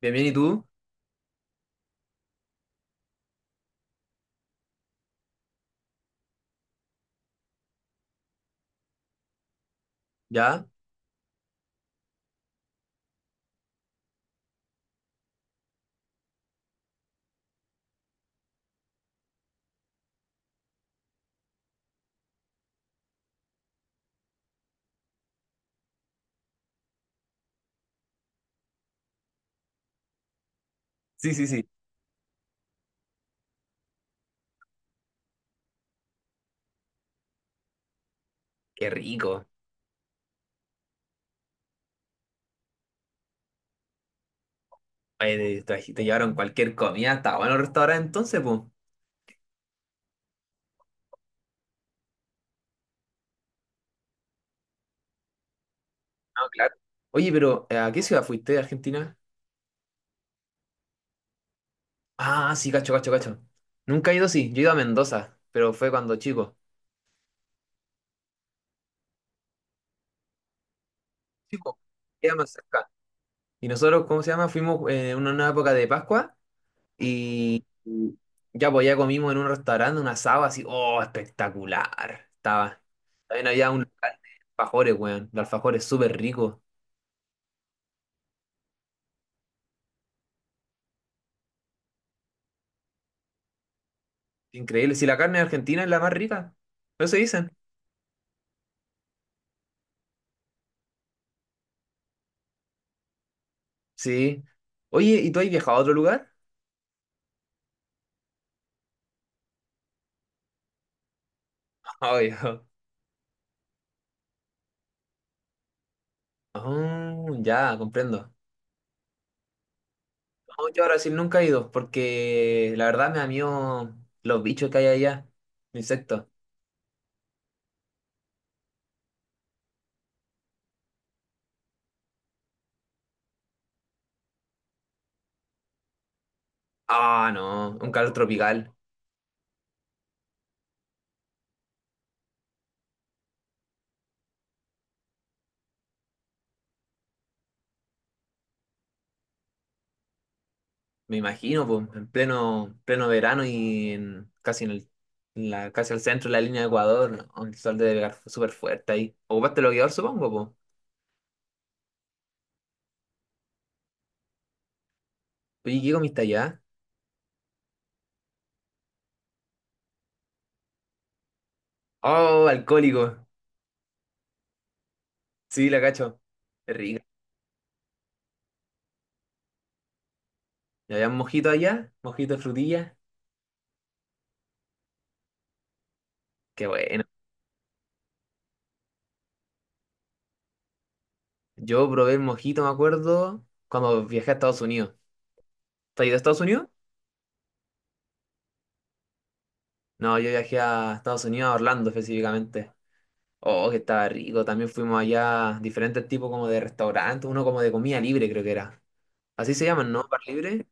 Bien, bien, ¿y tú? ¿Ya? Sí, sí, sí. Qué rico. Oye, te llevaron cualquier comida hasta buenos restaurantes entonces, pues. No, claro. Oye, pero ¿a qué ciudad fuiste de Argentina? Ah, sí, cacho, cacho, cacho. Nunca he ido, sí. Yo he ido a Mendoza, pero fue cuando chico. Chico po. Queda más cerca. Y nosotros, ¿cómo se llama? Fuimos en una época de Pascua y y ya, pues ya comimos en un restaurante un asado así. ¡Oh, espectacular! Estaba. También había un local de alfajores, weón. Los alfajores súper ricos. Increíble. Si la carne argentina es la más rica. Eso dicen. Sí. Oye, ¿y tú has viajado a otro lugar? Ay, oh, ya, comprendo. No, yo a Brasil nunca he ido porque la verdad me da miedo los bichos que hay allá, insectos. Ah, no, un calor tropical, me imagino, pues, en pleno verano y en- casi en el, en la, casi al centro de la línea de Ecuador, ¿no? El sol debe pegar súper fuerte ahí. ¿Ocupaste bloqueador, supongo, pues? Oye, ¿qué comiste allá? Oh, alcohólico. Sí, la cacho. Es rica. ¿Y había mojito allá? ¿Mojito de frutilla? Qué bueno. Yo probé el mojito, me acuerdo, cuando viajé a Estados Unidos. ¿Te has ido a Estados Unidos? No, yo viajé a Estados Unidos, a Orlando específicamente. Oh, que estaba rico. También fuimos allá a diferentes tipos como de restaurantes, uno como de comida libre, creo que era. Así se llaman, ¿no? ¿Bar libre?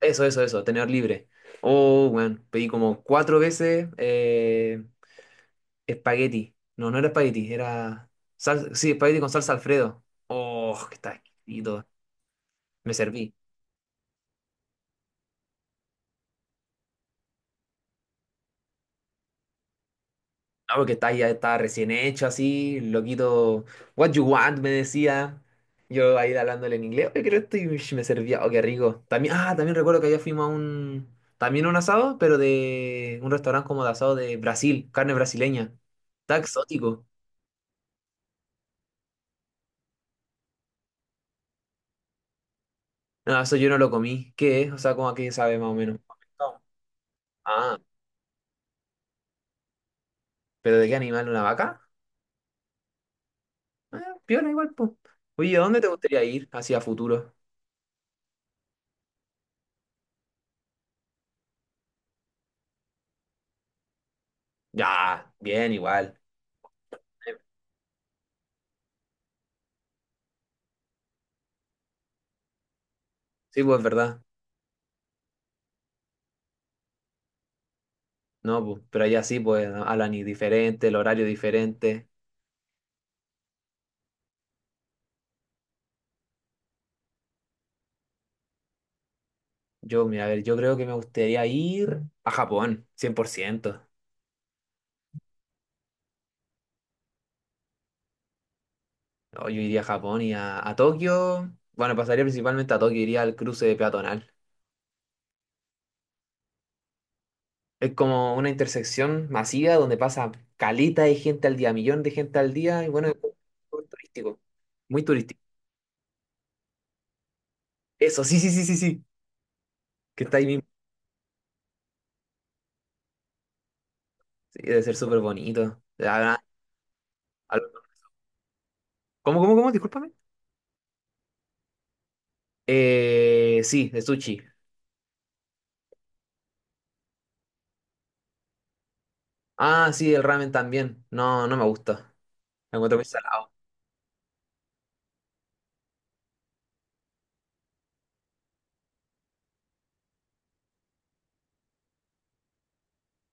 Eso, tener libre. Oh, bueno, pedí como cuatro veces. Espagueti. No, no era espagueti, era... sal- sí, espagueti con salsa Alfredo. Oh, que está exquisito. Me serví. No, porque está, ya estaba recién hecho así, loquito. What you want, me decía. Yo ahí hablándole en inglés. Oye, quiero esto y uish, me servía. Oh, qué rico. También, ah, también recuerdo que allá fuimos a un... también a un asado, pero de un restaurante como de asado de Brasil, carne brasileña. Está exótico. No, eso yo no lo comí. ¿Qué es? O sea, ¿cómo a qué sabe más o menos? Ah, ¿pero de qué animal? ¿Una vaca? Ah, piola igual, pues. Oye, ¿a dónde te gustaría ir hacia futuro? Ya, bien, igual. Sí, pues, verdad. No, pues, pero allá sí, pues, ¿no? Hablan y diferente, el horario diferente. Yo, mira, a ver, yo creo que me gustaría ir a Japón, 100%. No, yo iría a Japón y a Tokio. Bueno, pasaría principalmente a Tokio, iría al cruce peatonal. Es como una intersección masiva donde pasa caleta de gente al día, millón de gente al día, y bueno, es muy turístico. Muy turístico. Eso, sí, sí, sí, sí, sí, que está ahí mismo. Sí, debe ser súper bonito. Habrá- al- ¿Cómo, cómo, cómo? Discúlpame. Sí, de sushi. Ah, sí, el ramen también. No, no me gusta. Lo encuentro muy salado.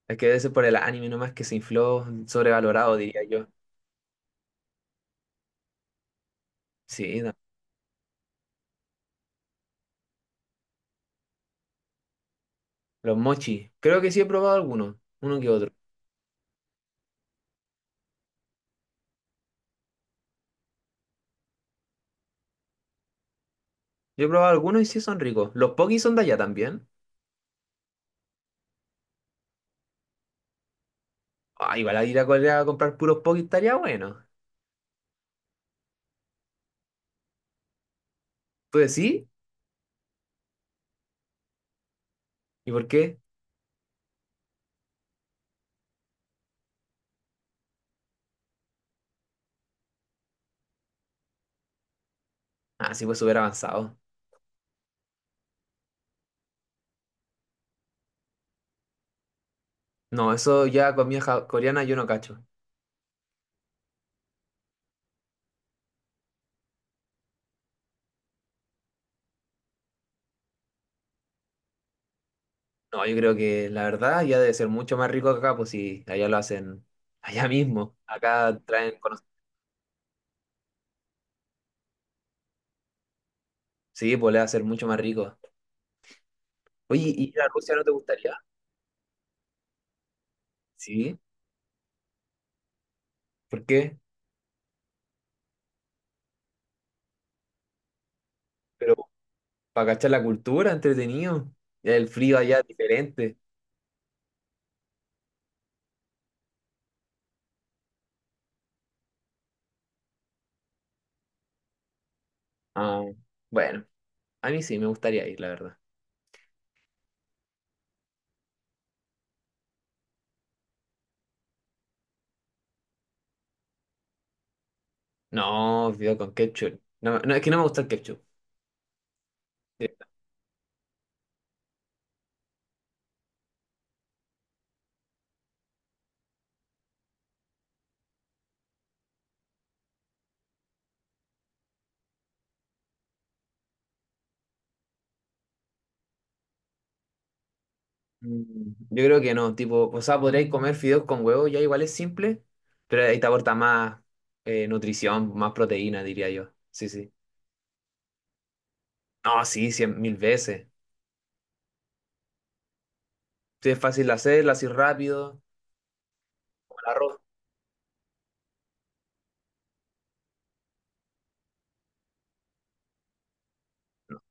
Es que debe ser por el anime nomás que se infló, sobrevalorado, diría yo. Sí, no. Los mochi. Creo que sí he probado algunos, uno que otro. Yo he probado algunos y sí son ricos. Los pokis son de allá también. Ah, igual a ir a Corea a comprar puros pokis estaría bueno. ¿Tú decís? ¿Y por qué? Ah, sí, pues súper avanzado. No, eso ya comida ja- coreana yo no cacho. No, yo creo que la verdad ya debe ser mucho más rico que acá, pues si allá lo hacen allá mismo. Acá traen, cono- sí, pues le va a ser mucho más rico. Oye, ¿y ir a Rusia no te gustaría? Sí, ¿por qué? Pero para cachar la cultura, entretenido. El frío allá es diferente. Ah, bueno, a mí sí me gustaría ir, la verdad. No, video con ketchup. No, no, es que no me gusta el ketchup. Mm, yo creo que no, tipo, o sea, podríais comer fideos con huevo, ya igual es simple, pero ahí te aporta más nutrición, más proteína, diría yo. Sí, sí. No, sí, cien mil veces. Sí, es fácil de hacer, lo haces rápido, como el arroz.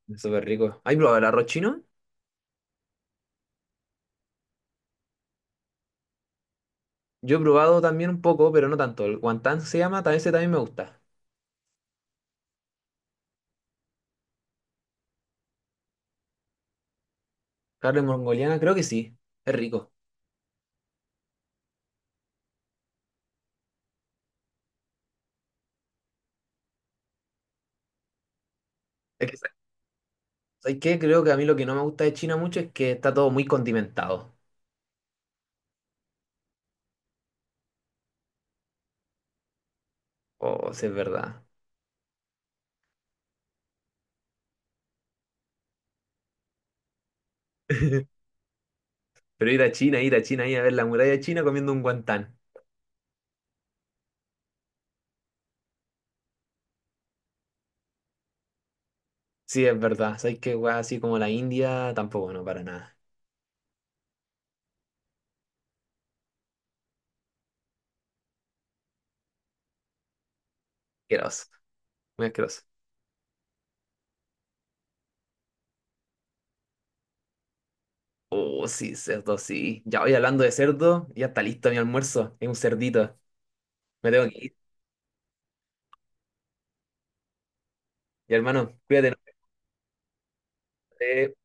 Es súper rico. ¿Has probado el arroz chino? Yo he probado también un poco, pero no tanto. El guantán se llama, también ese también me gusta. Carne mongoliana, creo que sí, es rico. Es que, ¿sabes qué? Creo que a mí lo que no me gusta de China mucho es que está todo muy condimentado. Oh, sí, es verdad. Pero ir a China, ir a China, ir a ver la muralla china comiendo un guantán. Sí, es verdad. ¿Sabes qué, weá? Así como la India, tampoco, no, para nada. Asqueroso, muy asqueroso. Oh, sí, cerdo, sí. Ya voy hablando de cerdo, ya está listo mi almuerzo. Es un cerdito. Me tengo que ir. Y hermano, cuídate, ¿no? Eh,